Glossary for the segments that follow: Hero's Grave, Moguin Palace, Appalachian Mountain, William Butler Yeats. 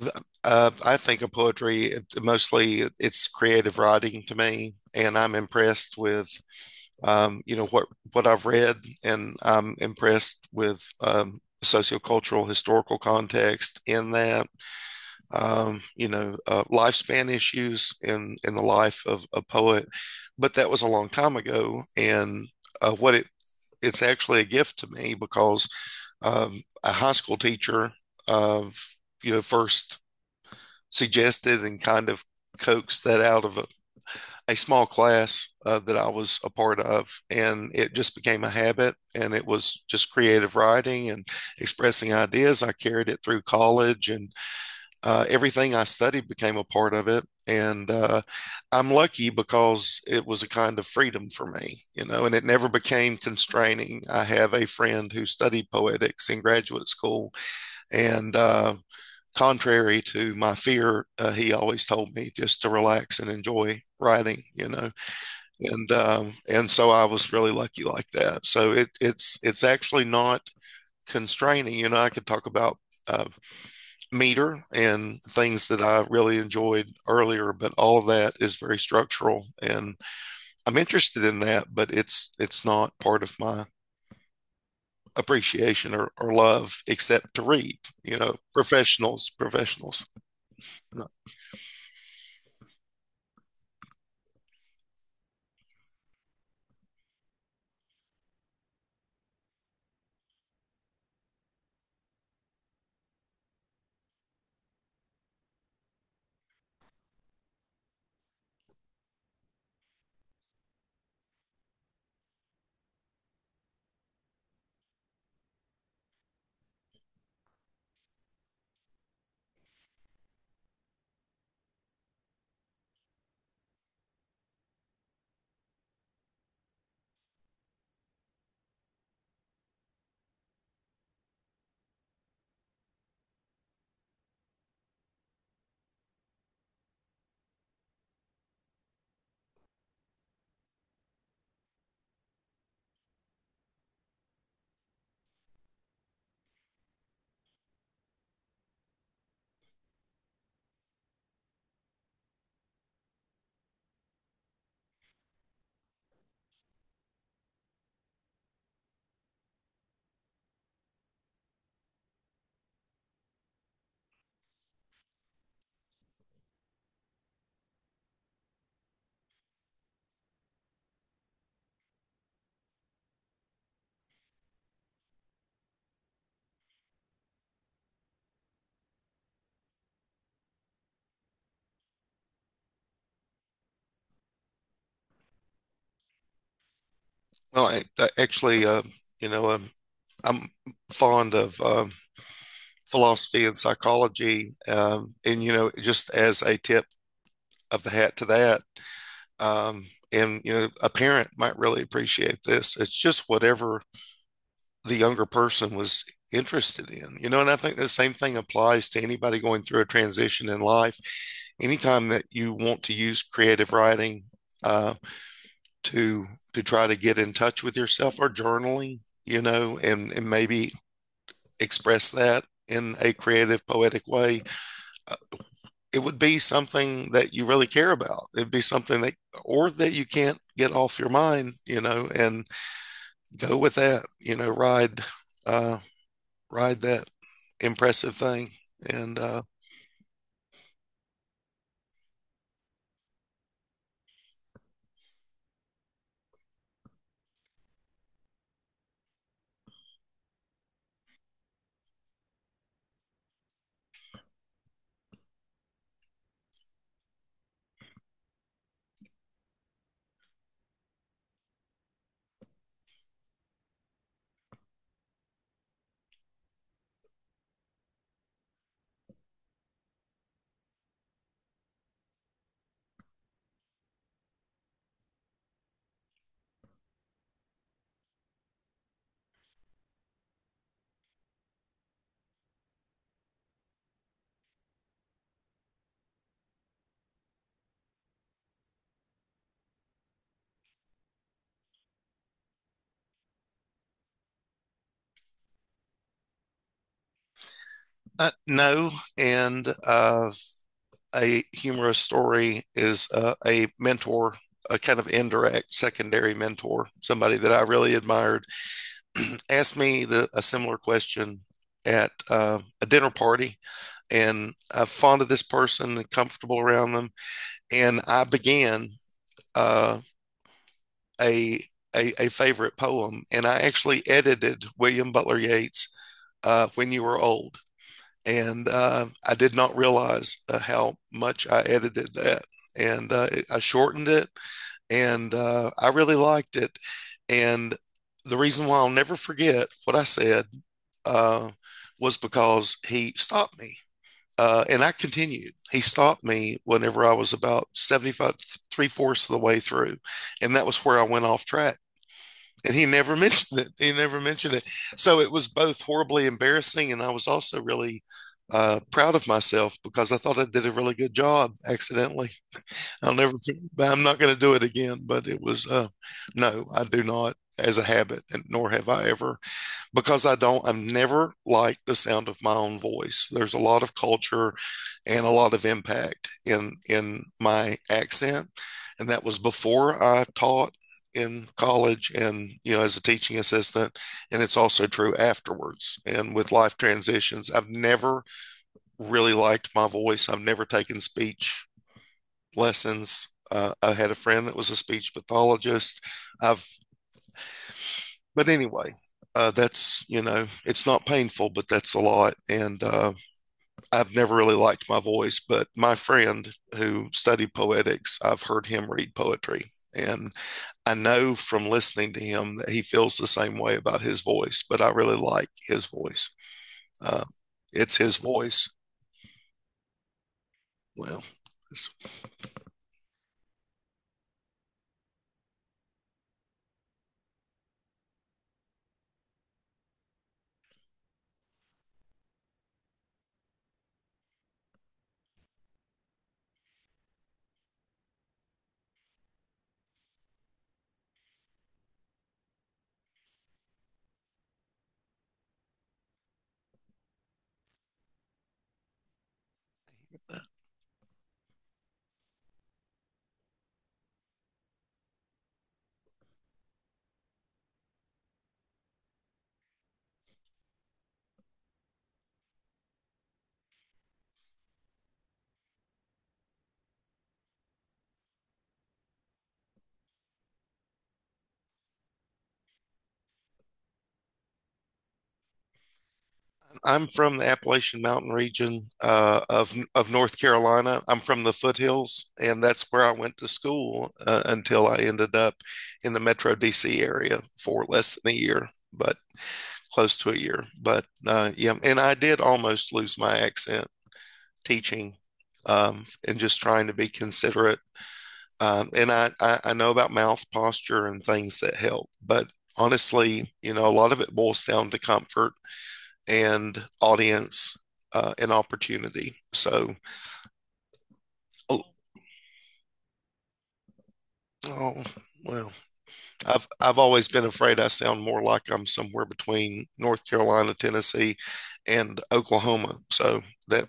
I think of poetry mostly it's creative writing to me, and I'm impressed with um, you know what what I've read, and I'm impressed with sociocultural historical context in that lifespan issues in the life of a poet. But that was a long time ago, and what it it's actually a gift to me because um, a high school teacher of first suggested and kind of coaxed that out of a small class that I was a part of. And it just became a habit. And it was just creative writing and expressing ideas. I carried it through college, and everything I studied became a part of it. And I'm lucky because it was a kind of freedom for me, you know, and it never became constraining. I have a friend who studied poetics in graduate school, and contrary to my fear, he always told me just to relax and enjoy writing, you know. And so I was really lucky like that. So it's actually not constraining. You know, I could talk about uh, meter and things that I really enjoyed earlier, but all of that is very structural, and I'm interested in that. But it's not part of my appreciation or love except to read professionals. No. Well, I actually, you know, um, I'm fond of philosophy and psychology, and you know, just as a tip of the hat to that, um, and you know, a parent might really appreciate this. It's just whatever the younger person was interested in, you know, and I think the same thing applies to anybody going through a transition in life. Anytime that you want to use creative writing uh, to try to get in touch with yourself or journaling, you know, and maybe express that in a creative, poetic way, uh, it would be something that you really care about. It'd be something or that you can't get off your mind, you know, and go with that, you know, uh, ride that impressive thing. And no, and a humorous story is a mentor, a kind of indirect secondary mentor, somebody that I really admired asked me a similar question at a dinner party, and I'm fond of this person and comfortable around them. And I began uh, a, a favorite poem, and I actually edited William Butler Yeats' "When You Were Old." And I did not realize how much I edited that, and I shortened it, and I really liked it. And the reason why I'll never forget what I said uh, was because he stopped me. And I continued. He stopped me whenever I was about 75, three-fourths of the way through. And that was where I went off track. And he never mentioned it. He never mentioned it. So it was both horribly embarrassing. And I was also really proud of myself because I thought I did a really good job accidentally. I'll never, I'm not going to do it again, but it was no, I do not as a habit, and nor have I ever because I've never liked the sound of my own voice. There's a lot of culture and a lot of impact in my accent, and that was before I taught in college and you know as a teaching assistant and it's also true afterwards and with life transitions, I've never really liked my voice. I've never taken speech lessons. I had a friend that was a speech pathologist. I've But anyway, that's, you know, it's not painful, but that's a lot. And I've never really liked my voice, but my friend who studied poetics, I've heard him read poetry. And I know from listening to him that he feels the same way about his voice, but I really like his voice. Uh, it's his voice. Well, it's I'm from the Appalachian Mountain region of North Carolina. I'm from the foothills, and that's where I went to school until I ended up in the Metro DC area for less than a year, but close to a year. But yeah, and I did almost lose my accent teaching, and just trying to be considerate. And I know about mouth posture and things that help, but honestly, you know, a lot of it boils down to comfort and audience, an opportunity. So, oh, oh, well, I've always been afraid I sound more like I'm somewhere between North Carolina, Tennessee, and Oklahoma. So that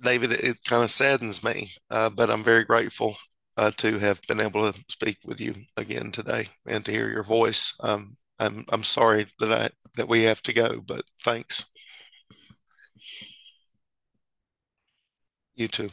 David, it kind of saddens me, but I'm very grateful. To have been able to speak with you again today and to hear your voice. I'm sorry that I that we have to go, but thanks. You too.